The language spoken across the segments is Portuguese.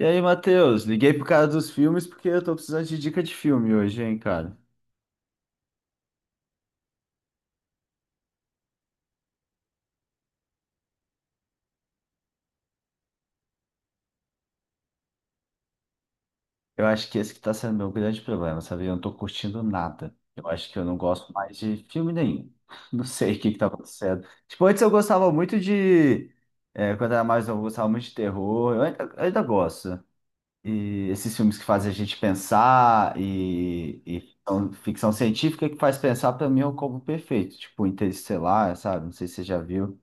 E aí, Matheus, liguei pro cara dos filmes porque eu tô precisando de dica de filme hoje, hein, cara. Eu acho que esse que tá sendo meu grande problema, sabe? Eu não tô curtindo nada. Eu acho que eu não gosto mais de filme nenhum. Não sei o que que tá acontecendo. Tipo, antes eu gostava muito de. Quando era mais novo, eu gostava muito de terror. Eu ainda gosto. E esses filmes que fazem a gente pensar e ficção científica que faz pensar, pra mim, é o combo perfeito. Tipo, Interestelar, sabe? Não sei se você já viu.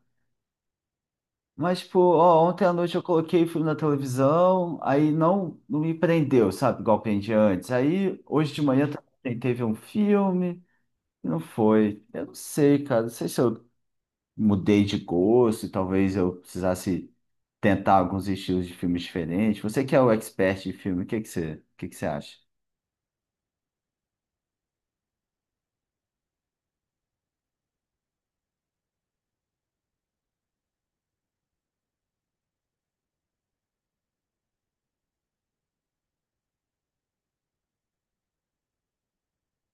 Mas, tipo, ó, ontem à noite eu coloquei filme na televisão, aí não me prendeu, sabe? Igual prendia antes. Aí, hoje de manhã também teve um filme, e não foi. Eu não sei, cara. Não sei se eu mudei de gosto, e talvez eu precisasse tentar alguns estilos de filmes diferentes. Você que é o expert de filme, o que que você acha?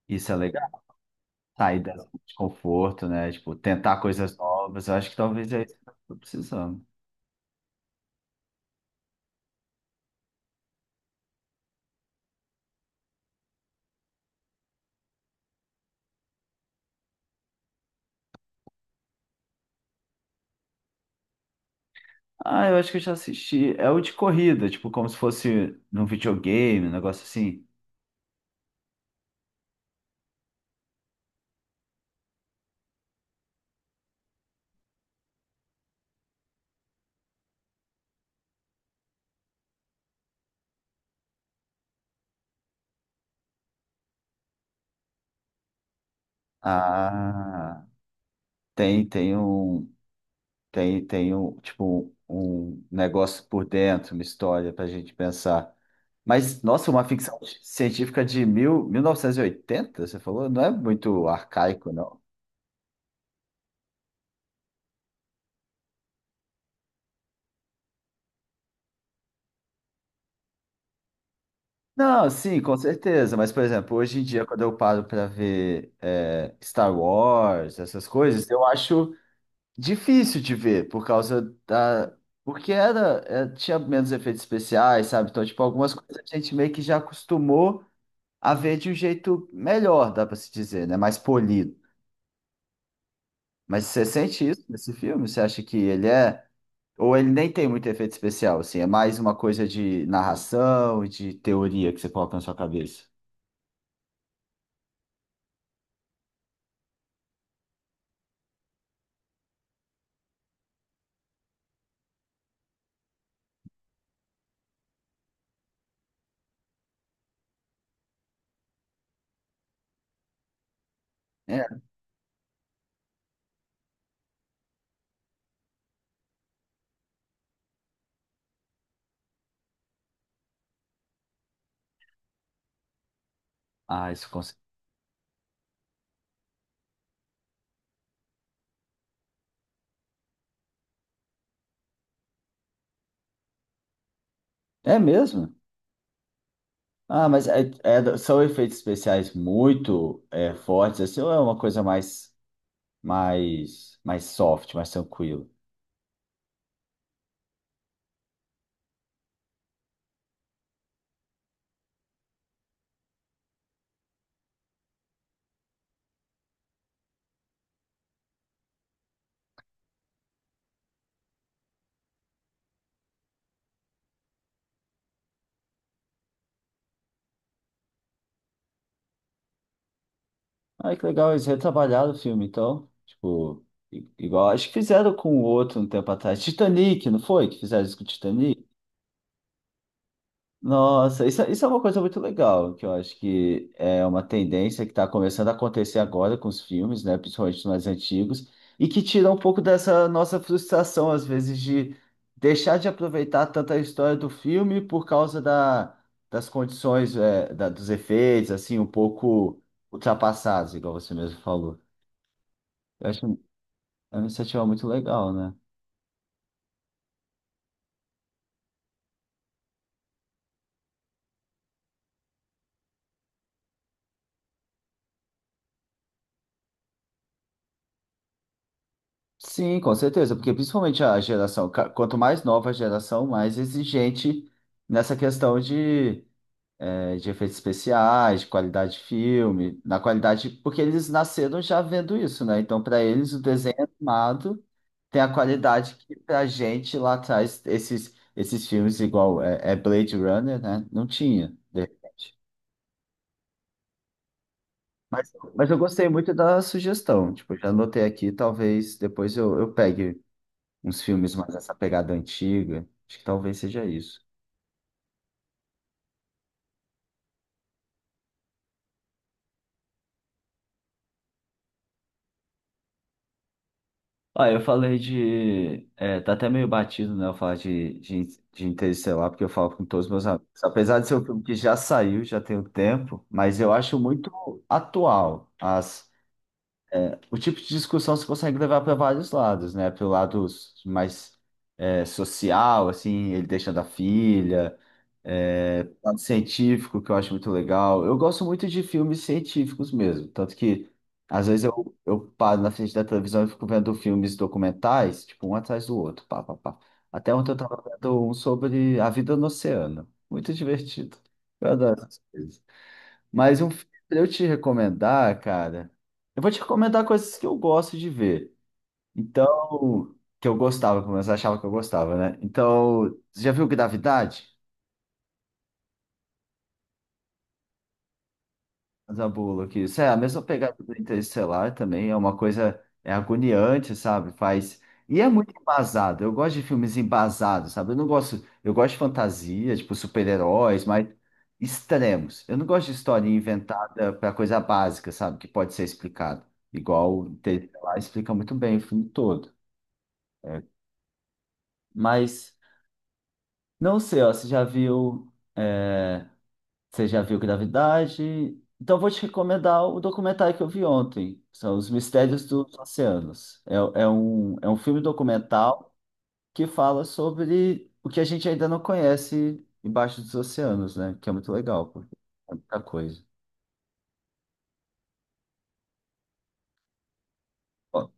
Isso é legal? Sair da zona de conforto, né? Tipo, tentar coisas novas. Eu acho que talvez é isso que eu tô precisando. Ah, eu acho que eu já assisti. É o de corrida, tipo, como se fosse num videogame, um negócio assim. Ah, tem, tem um, tipo, um negócio por dentro, uma história pra gente pensar. Mas, nossa, uma ficção científica de 1980, você falou? Não é muito arcaico, não. Não, sim, com certeza. Mas, por exemplo, hoje em dia, quando eu paro para ver Star Wars, essas coisas, eu acho difícil de ver, por causa da. Porque tinha menos efeitos especiais, sabe? Então, tipo, algumas coisas a gente meio que já acostumou a ver de um jeito melhor, dá pra se dizer, né? Mais polido. Mas você sente isso nesse filme? Você acha que ele é. Ou ele nem tem muito efeito especial, assim? É mais uma coisa de narração e de teoria que você coloca na sua cabeça? É. Ah, isso com É mesmo? Ah, mas são efeitos especiais muito fortes, assim, ou é uma coisa mais. Mais soft, mais tranquilo. Ah, que legal, eles retrabalharam o filme, então. Tipo, igual, acho que fizeram com o outro um tempo atrás. Titanic, não foi? Que fizeram isso com o Titanic? Nossa, isso é uma coisa muito legal, que eu acho que é uma tendência que está começando a acontecer agora com os filmes, né, principalmente os mais antigos, e que tira um pouco dessa nossa frustração, às vezes, de deixar de aproveitar tanta história do filme por causa das condições, dos efeitos, assim, um pouco ultrapassados, igual você mesmo falou. Eu acho é uma iniciativa muito legal, né? Sim, com certeza, porque principalmente a geração, quanto mais nova a geração, mais exigente nessa questão de, de efeitos especiais, de qualidade de filme, na qualidade, porque eles nasceram já vendo isso, né? Então, para eles, o desenho animado tem a qualidade que pra gente lá atrás, esses filmes igual é Blade Runner, né? Não tinha, de repente. Mas eu gostei muito da sugestão, tipo, já anotei aqui, talvez depois eu pegue uns filmes mais essa pegada antiga. Acho que talvez seja isso. Ah, eu falei de. É, tá até meio batido, né? Eu falar de Interestelar, porque eu falo com todos os meus amigos. Apesar de ser um filme que já saiu, já tem um tempo, mas eu acho muito atual as, o tipo de discussão você consegue levar para vários lados, né? Pelo lado mais social, assim, ele deixando a filha, é, pro lado científico, que eu acho muito legal. Eu gosto muito de filmes científicos mesmo, tanto que às vezes eu paro na frente da televisão e fico vendo filmes documentais, tipo, um atrás do outro, pá, pá, pá. Até ontem eu tava vendo um sobre a vida no oceano. Muito divertido. Eu adoro essas coisas. Mas um filme pra eu te recomendar, cara, eu vou te recomendar coisas que eu gosto de ver. Então, que eu gostava, pelo menos eu achava que eu gostava, né? Então, você já viu Gravidade? Zabulo aqui. Isso é a mesma pegada do Interestelar também, é uma coisa é agoniante, sabe? Faz e é muito embasado. Eu gosto de filmes embasados, sabe? Eu não gosto, eu gosto de fantasia, tipo super-heróis, mas extremos. Eu não gosto de história inventada para coisa básica, sabe? Que pode ser explicado. Igual o Interestelar explica muito bem o filme todo. É. Mas não sei, ó, é, você já viu Gravidade? Então eu vou te recomendar o documentário que eu vi ontem, que são Os Mistérios dos Oceanos. É um filme documental que fala sobre o que a gente ainda não conhece embaixo dos oceanos, né? Que é muito legal, porque é muita coisa. Ó,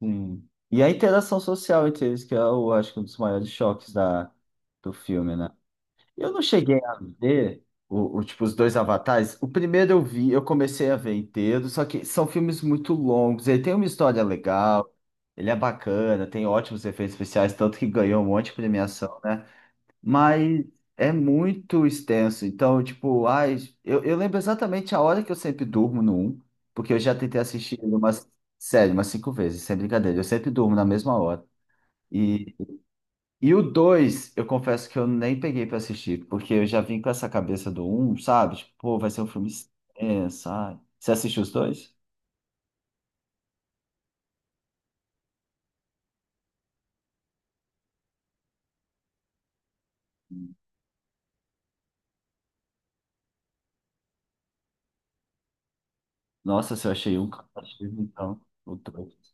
E a interação social entre eles, que eu acho que é um dos maiores choques do filme, né? Eu não cheguei a ver tipo, os dois Avatares. O primeiro eu vi, eu comecei a ver inteiro, só que são filmes muito longos. Ele tem uma história legal, ele é bacana, tem ótimos efeitos especiais, tanto que ganhou um monte de premiação, né? Mas é muito extenso. Então, tipo, ai, eu lembro exatamente a hora que eu sempre durmo no um, porque eu já tentei assistir ele umas, sério, umas cinco vezes, sem brincadeira. Eu sempre durmo na mesma hora. E o 2, eu confesso que eu nem peguei pra assistir, porque eu já vim com essa cabeça do um, sabe? Tipo, pô, vai ser um filme extenso, sabe? Você assistiu os dois? Nossa, se eu achei um cansativo, então, o dois.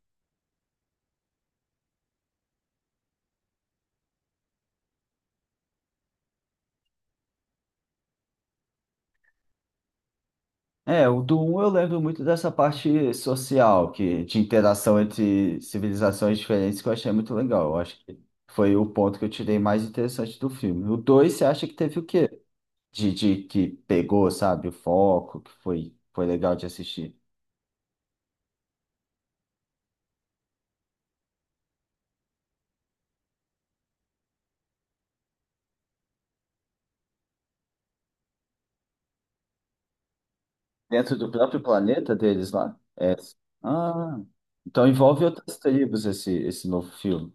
É, o do um eu lembro muito dessa parte social, de interação entre civilizações diferentes, que eu achei muito legal. Eu acho que foi o ponto que eu tirei mais interessante do filme. O 2, você acha que teve o quê? De que pegou, sabe, o foco, que foi legal de assistir. Dentro do próprio planeta deles lá? É. Ah, então envolve outras tribos esse novo filme.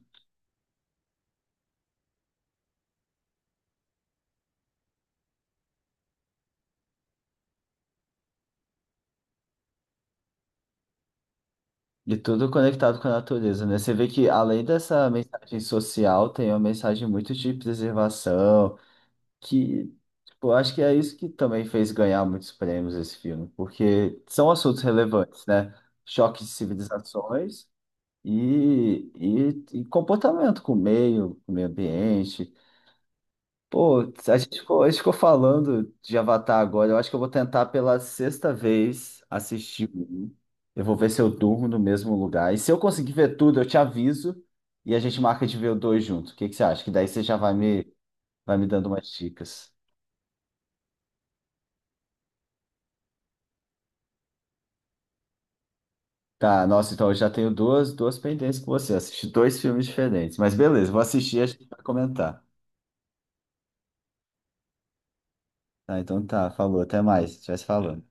E tudo conectado com a natureza, né? Você vê que além dessa mensagem social, tem uma mensagem muito de preservação, que, tipo, eu acho que é isso que também fez ganhar muitos prêmios esse filme, porque são assuntos relevantes, né? Choque de civilizações e comportamento com o meio ambiente. Pô, a gente ficou falando de Avatar agora. Eu acho que eu vou tentar pela sexta vez assistir um. Eu vou ver se eu durmo no mesmo lugar. E se eu conseguir ver tudo, eu te aviso e a gente marca de ver o dois junto. O que que você acha? Que daí você já vai vai me dando umas dicas. Tá, nossa, então eu já tenho duas pendências com você. Assisti dois filmes diferentes. Mas beleza, vou assistir e a gente vai comentar. Tá, então tá, falou, até mais. A gente vai se falando.